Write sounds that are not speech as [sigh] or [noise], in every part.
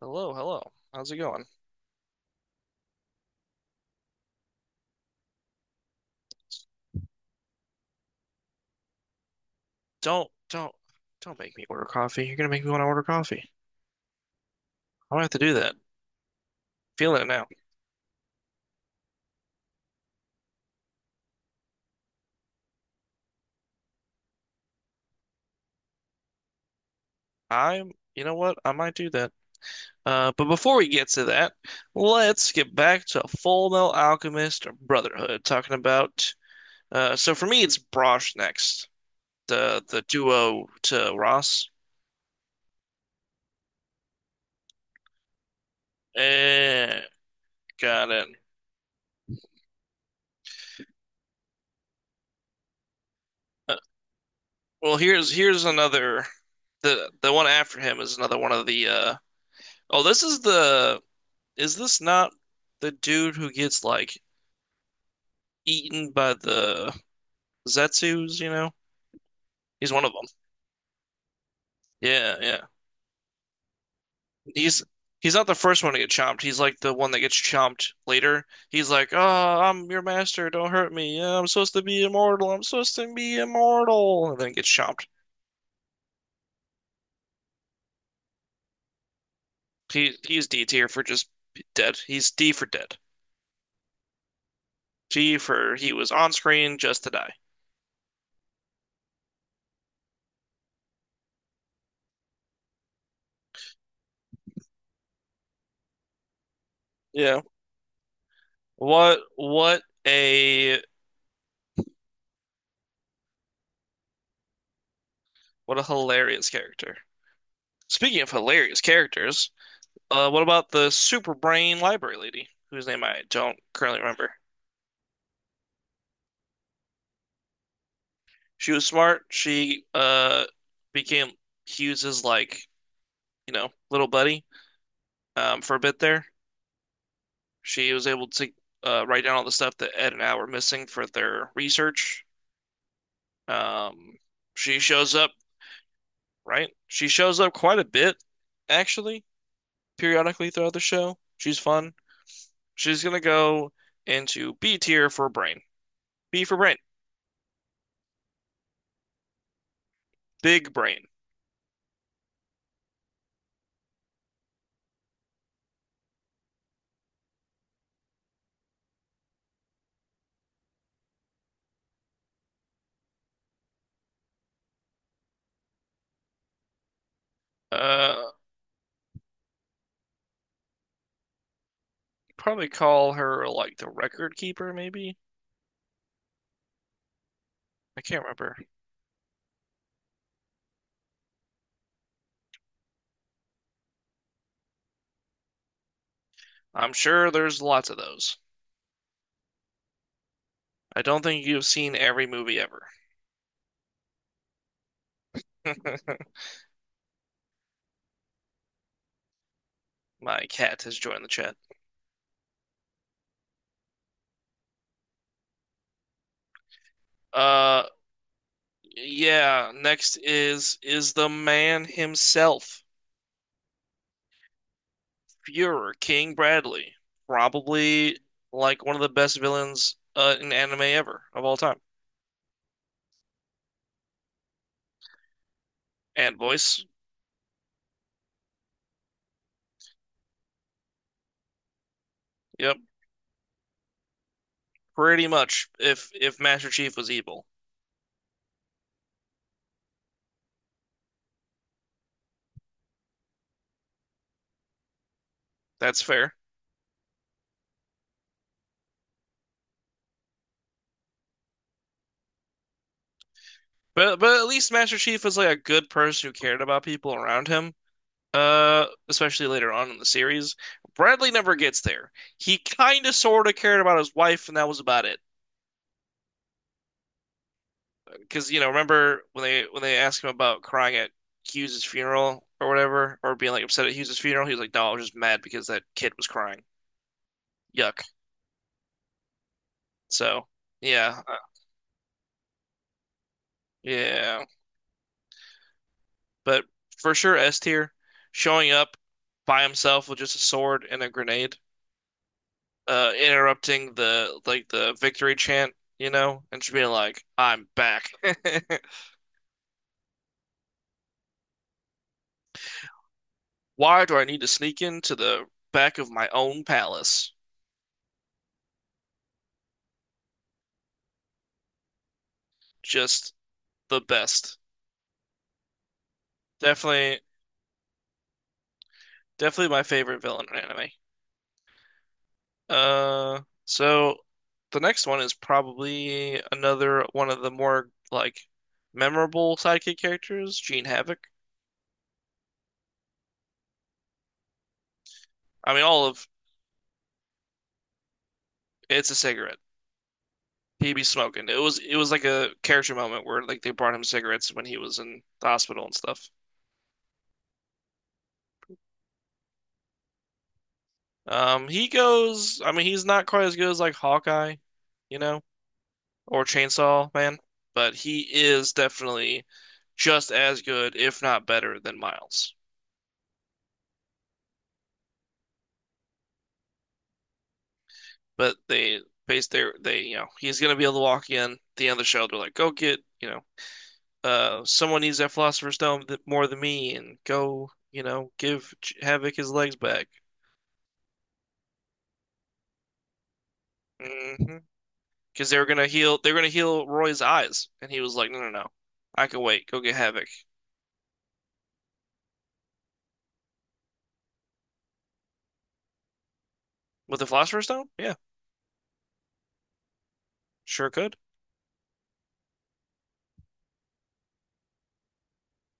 Hello, hello. How's it going? Don't, don't, don't make me order coffee. You're gonna make me want to order coffee. I might have to do that. Feeling it now. I'm, you know what? I might do that. But before we get to that, let's get back to Full Metal Alchemist Brotherhood, talking about. So for me, it's Brosh next, the duo to Ross. Eh, got it. Uh, well, here's another. The one after him is another one of the. Oh, this is the. Is this not the dude who gets like eaten by the Zetsus, you know? He's one of them. Yeah, yeah. He's he's not the first one to get chomped. He's like the one that gets chomped later. He's like, "Oh, I'm your master. Don't hurt me. Yeah, I'm supposed to be immortal. I'm supposed to be immortal." And then gets chomped. He's D tier for just dead. He's D for dead. G for he was on screen just to die. Yeah. What what a what a hilarious character. Speaking of hilarious characters, what about the super brain library lady, whose name I don't currently remember? She was smart. She became Hughes's like, you know, little buddy, for a bit there. She was able to write down all the stuff that Ed and Al were missing for their research. Um, she shows up, right? She shows up quite a bit, actually, periodically throughout the show. She's fun. She's gonna go into B tier for brain. B for brain. Big brain. Uh, Probably call her like the record keeper, maybe? I can't remember. I'm sure there's lots of those. I don't think you've seen every movie ever. [laughs] My cat has joined the chat. Uh, yeah, next is the man himself, Fuhrer King Bradley. Probably like one of the best villains in anime ever of all time. And voice, yep, pretty much if Master Chief was evil. That's fair. But at least Master Chief was like a good person who cared about people around him. Especially later on in the series, Bradley never gets there. He kind of sort of cared about his wife, and that was about it. Because, you know, remember when they asked him about crying at Hughes's funeral or whatever, or being like upset at Hughes's funeral, he was like, "No, I was just mad because that kid was crying." Yuck. So yeah, yeah. But for sure, S tier, showing up by himself with just a sword and a grenade. Uh, interrupting the like the victory chant, you know, and just being like, "I'm back." [laughs] Why do I need to sneak into the back of my own palace? Just the best. Definitely, definitely my favorite villain in anime. So the next one is probably another one of the more like memorable sidekick characters, Gene Havoc. I mean, all of. It's a cigarette. He'd be smoking. It was like a character moment where like they brought him cigarettes when he was in the hospital and stuff. He goes. I mean, he's not quite as good as like Hawkeye, you know, or Chainsaw Man, but he is definitely just as good, if not better, than Miles. But they base their they you know he's gonna be able to walk in at the end of the show. They're like, go get, you know, someone needs that Philosopher's Stone th more than me, and go, you know, give Ch- Havoc his legs back. Hmm, because they were gonna heal Roy's eyes, and he was like, "No, no, no, I can wait. Go get Havoc with the Philosopher's Stone." Yeah, sure could.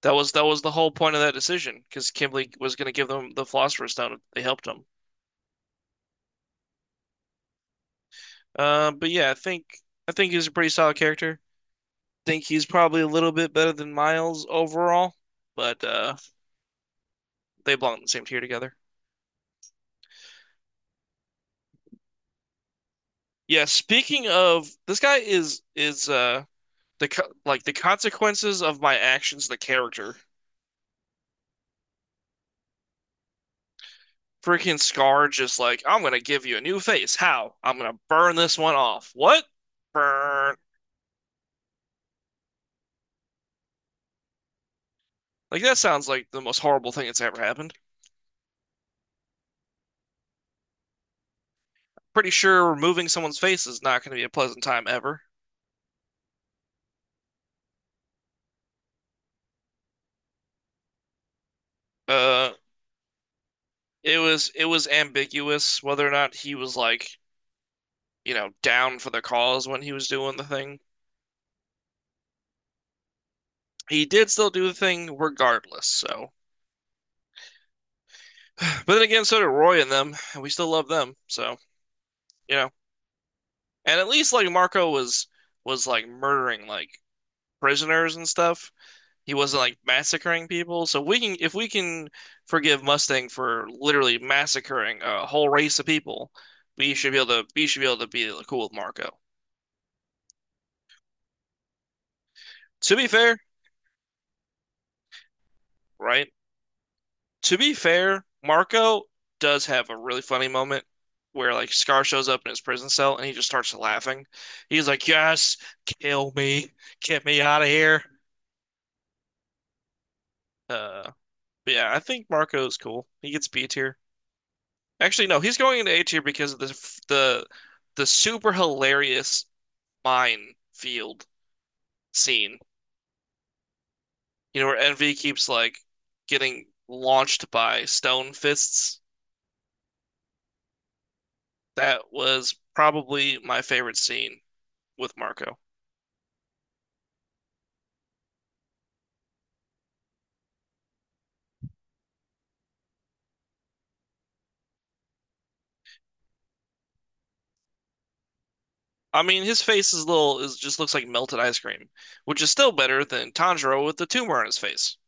That was the whole point of that decision because Kimberly was gonna give them the Philosopher's Stone if they helped him. But yeah, I think he's a pretty solid character. I think he's probably a little bit better than Miles overall, but they belong in the same tier together. Yeah, speaking of, this guy is the, like, the consequences of my actions, the character. Freaking Scar just like, I'm gonna give you a new face. How? I'm gonna burn this one off. What? Burn. Like, that sounds like the most horrible thing that's ever happened. Pretty sure removing someone's face is not gonna be a pleasant time ever. Uh, it was ambiguous whether or not he was like, you know, down for the cause when he was doing the thing. He did still do the thing regardless, so. [sighs] But then again, so did Roy and them, and we still love them, so, you know. And at least like Marco was like murdering like prisoners and stuff. He wasn't like massacring people. So we can, if we can forgive Mustang for literally massacring a whole race of people, we should be able to be cool with Marco. To be fair, right? To be fair, Marco does have a really funny moment where like Scar shows up in his prison cell and he just starts laughing. He's like, "Yes, kill me, get me out of here." Uh, but yeah, I think Marco's cool. He gets B tier. Actually, no, he's going into A tier because of the f- the super hilarious minefield scene. You know, where Envy keeps like getting launched by stone fists. That was probably my favorite scene with Marco. I mean, his face is little is just looks like melted ice cream, which is still better than Tanjiro with the tumor on his face.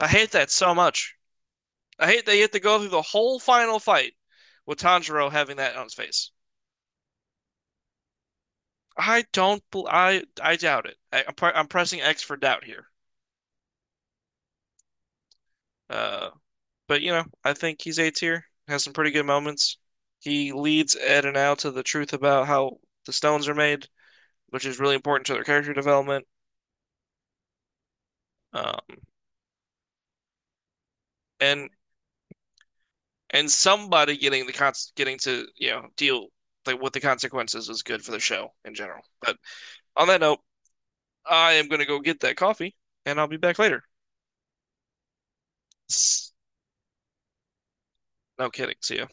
I hate that so much. I hate that you have to go through the whole final fight with Tanjiro having that on his face. I don't. Bel- I doubt it. Pre- I'm pressing X for doubt here. Uh, but you know, I think he's A tier. Has some pretty good moments. He leads Ed and Al to the truth about how the stones are made, which is really important to their character development. Um, and somebody getting the con getting to, you know, deal like with the consequences is good for the show in general. But on that note, I am gonna go get that coffee, and I'll be back later. S- No kidding. See ya.